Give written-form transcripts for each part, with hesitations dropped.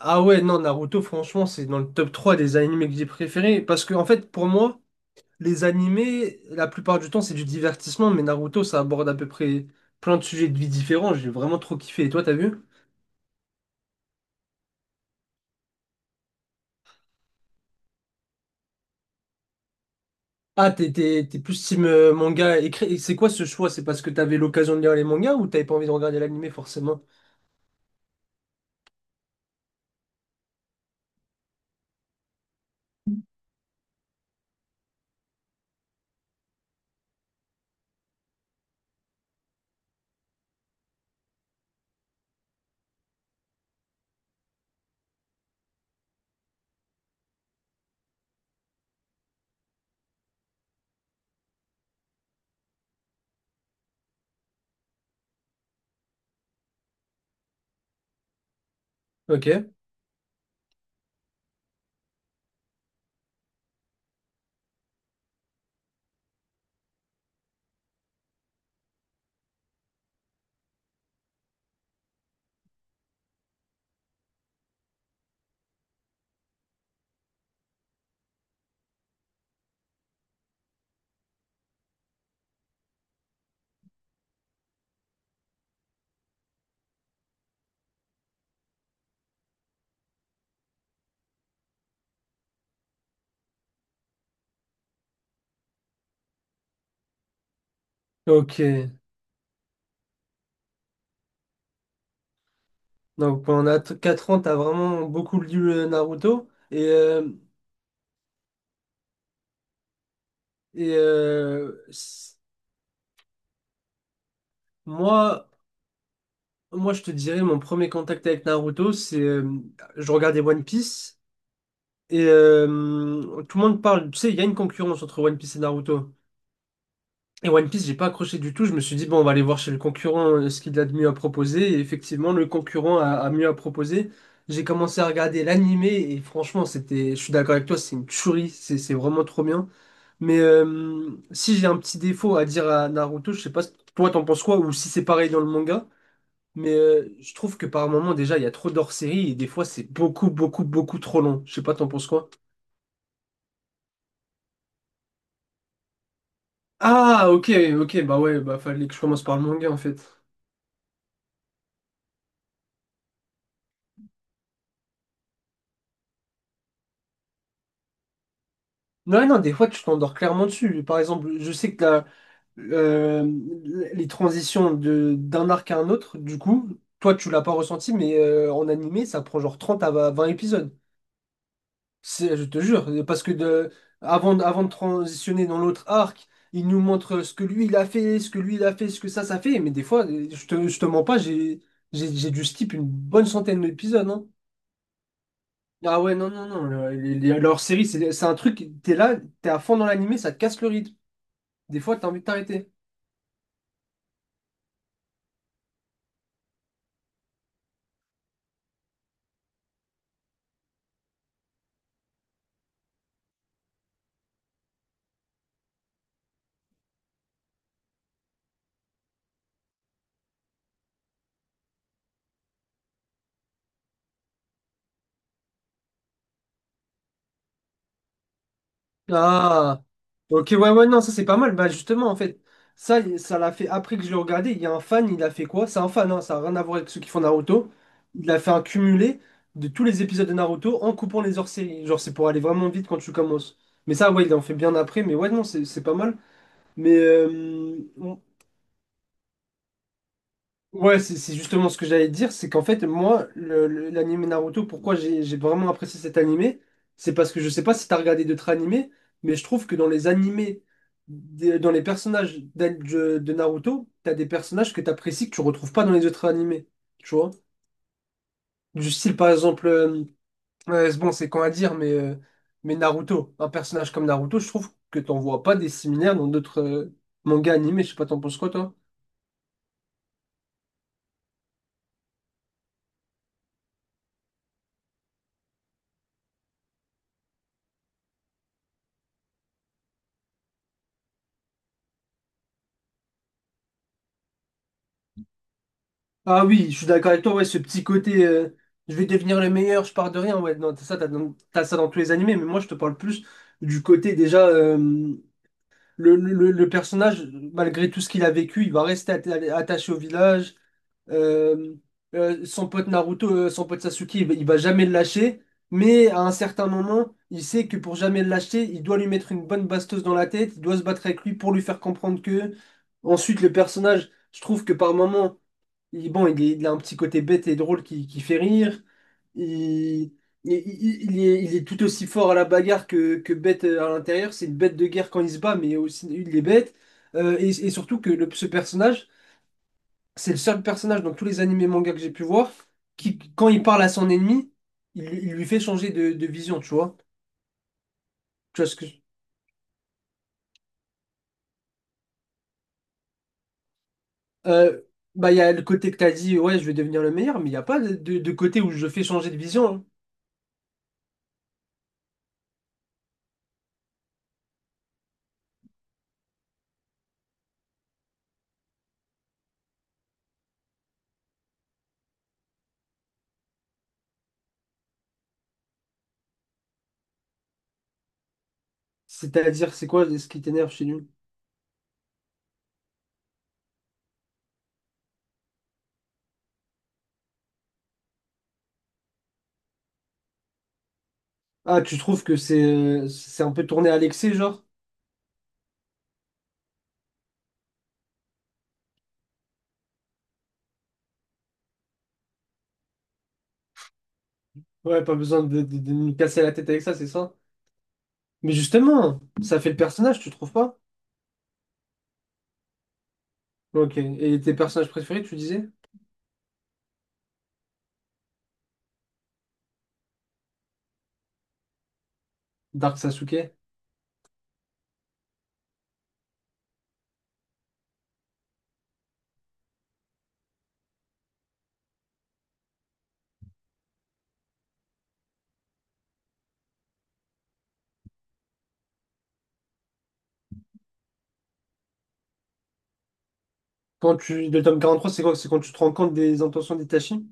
Ah ouais, non, Naruto, franchement, c'est dans le top 3 des animés que j'ai préférés. Parce que, en fait, pour moi, les animés, la plupart du temps, c'est du divertissement, mais Naruto, ça aborde à peu près plein de sujets de vie différents. J'ai vraiment trop kiffé. Et toi, t'as vu? Ah, t'es plus team manga écrit. Et c'est quoi ce choix? C'est parce que t'avais l'occasion de lire les mangas ou t'avais pas envie de regarder l'animé, forcément? Ok. Ok. Donc, pendant 4 ans, t'as vraiment beaucoup lu Naruto. Et euh, s- Moi. Moi, je te dirais, mon premier contact avec Naruto, c'est je regardais One Piece et tout le monde parle. Tu sais, il y a une concurrence entre One Piece et Naruto. Et One Piece, j'ai pas accroché du tout. Je me suis dit, bon, on va aller voir chez le concurrent ce qu'il a de mieux à proposer. Et effectivement, le concurrent a mieux à proposer. J'ai commencé à regarder l'animé et franchement, c'était, je suis d'accord avec toi, c'est une tuerie. C'est vraiment trop bien. Mais si j'ai un petit défaut à dire à Naruto, je sais pas, toi, t'en penses quoi ou si c'est pareil dans le manga. Mais je trouve que par moment, déjà, il y a trop d'hors-série et des fois, c'est beaucoup, beaucoup, beaucoup trop long. Je sais pas, t'en penses quoi? Ah, ok, ok, bah ouais, bah fallait que je commence par le manga en fait. Non, non, des fois tu t'endors clairement dessus. Par exemple, je sais que euh, les transitions de d'un arc à un autre, du coup, toi tu l'as pas ressenti, mais en animé, ça prend genre 30 à 20 épisodes. Je te jure, parce que avant de transitionner dans l'autre arc, il nous montre ce que lui il a fait, ce que lui il a fait, ce que ça fait. Mais des fois, je te mens pas, j'ai dû skip une bonne centaine d'épisodes. Hein. Ah ouais, non, non, non. Leur série, c'est un truc, t'es là, t'es à fond dans l'animé, ça te casse le rythme. Des fois, t'as envie de t'arrêter. Ah, ok, ouais, ouais, non, ça c'est pas mal. Bah, justement, en fait, ça l'a fait après que je l'ai regardé. Il y a un fan, il a fait quoi? C'est un fan, hein, ça n'a rien à voir avec ceux qui font Naruto. Il a fait un cumulé de tous les épisodes de Naruto en coupant les hors-séries. Genre, c'est pour aller vraiment vite quand tu commences. Mais ça, ouais, il en fait bien après. Mais ouais, non, c'est pas mal. Mais euh, Ouais, c'est justement ce que j'allais te dire, c'est qu'en fait, moi, l'anime Naruto, pourquoi j'ai vraiment apprécié cet animé, c'est parce que je sais pas si t'as regardé d'autres animés, mais je trouve que dans les animés, dans les personnages de Naruto, t'as des personnages que t'apprécies que tu retrouves pas dans les autres animés, tu vois? Du style, par exemple, ouais, c'est bon, c'est con à dire, mais Naruto, un personnage comme Naruto, je trouve que t'en vois pas des similaires dans d'autres mangas animés. Je sais pas, t'en penses quoi, toi? Ah oui, je suis d'accord avec toi, ouais, ce petit côté je vais devenir le meilleur, je pars de rien, ouais, non, t'as ça, t'as ça dans tous les animés, mais moi je te parle plus du côté déjà le personnage, malgré tout ce qu'il a vécu, il va rester attaché au village. Euh, Son pote Naruto, son pote Sasuke, il va jamais le lâcher. Mais à un certain moment, il sait que pour jamais le lâcher, il doit lui mettre une bonne bastos dans la tête. Il doit se battre avec lui pour lui faire comprendre que. Ensuite, le personnage, je trouve que par moment, il, bon, il, est- il a un petit côté bête et drôle qui fait rire. Il, il est tout aussi fort à la bagarre que bête à l'intérieur. C'est une bête de guerre quand il se bat, mais aussi il est bête. Et surtout que ce personnage c'est le seul personnage dans tous les animés manga que j'ai pu voir qui, quand il parle à son ennemi, lui il lui fait changer de vision, tu vois. Tu vois ce que... Euh, Bah, il y a le côté que t'as dit, ouais, je vais devenir le meilleur, mais il n'y a pas de côté où je fais changer de vision. Hein. C'est-à-dire, c'est quoi ce qui t'énerve chez nous? Ah, tu trouves que c'est un peu tourné à l'excès, genre? Ouais, pas besoin de nous casser la tête avec ça, c'est ça? Mais justement, ça fait le personnage, tu trouves pas? Ok. Et tes personnages préférés, tu disais? Dark Sasuke. Le tome 43 c'est quoi? C'est quand tu te rends compte des intentions d'Itachi?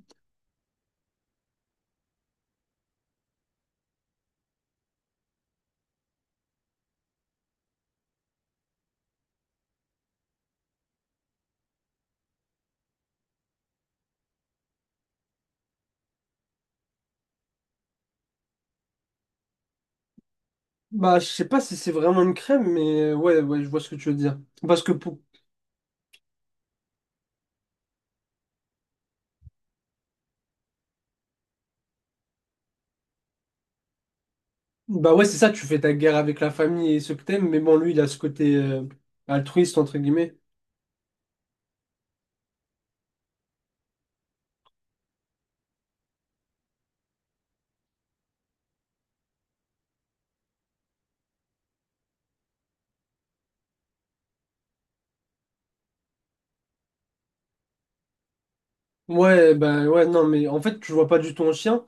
Bah, je sais pas si c'est vraiment une crème, mais ouais, ouais, je vois ce que tu veux dire. Parce que pour- Bah ouais, c'est ça, tu fais ta guerre avec la famille et ceux que t'aimes, mais bon, lui, il a ce côté altruiste, entre guillemets. Ouais, ben ouais, non, mais en fait, je vois pas du tout un chien,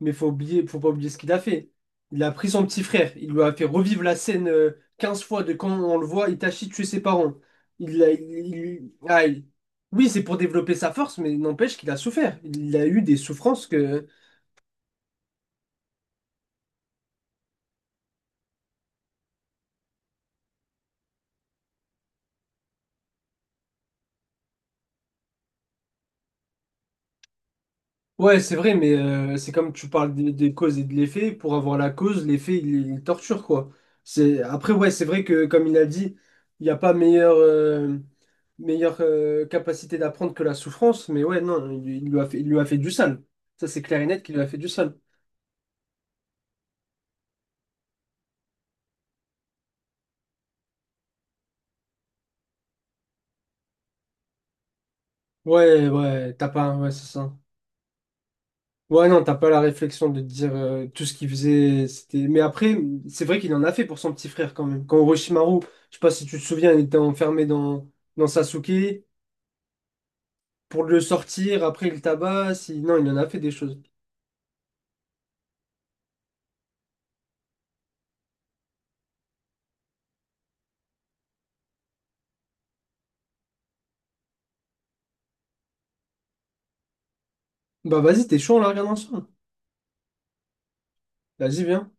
mais faut oublier, faut pas oublier ce qu'il a fait. Il a pris son petit frère, il lui a fait revivre la scène 15 fois de quand on le voit Itachi tuer ses parents. Il a, il- ah, il- Oui, c'est pour développer sa force, mais n'empêche qu'il a souffert. Il a eu des souffrances que. Ouais, c'est vrai, mais c'est comme tu parles des causes et de l'effet. Pour avoir la cause, l'effet, il torture, quoi. C'est... Après, ouais, c'est vrai que, comme il a dit, il n'y a pas meilleure capacité d'apprendre que la souffrance, mais ouais, non, il lui a fait du sale. Ça, c'est clair et net qu'il lui a fait du sale. Ouais, ouais, t'as pas, ouais, c'est ça. Ouais, non, t'as pas la réflexion de te dire tout ce qu'il faisait, c'était. Mais après, c'est vrai qu'il en a fait pour son petit frère quand même. Quand Orochimaru, je sais pas si tu te souviens, il était enfermé dans Sasuke. Pour le sortir, après il tabasse. Non, il en a fait des choses. Bah vas-y, t'es chaud, on la regarde ensemble. Vas-y, viens.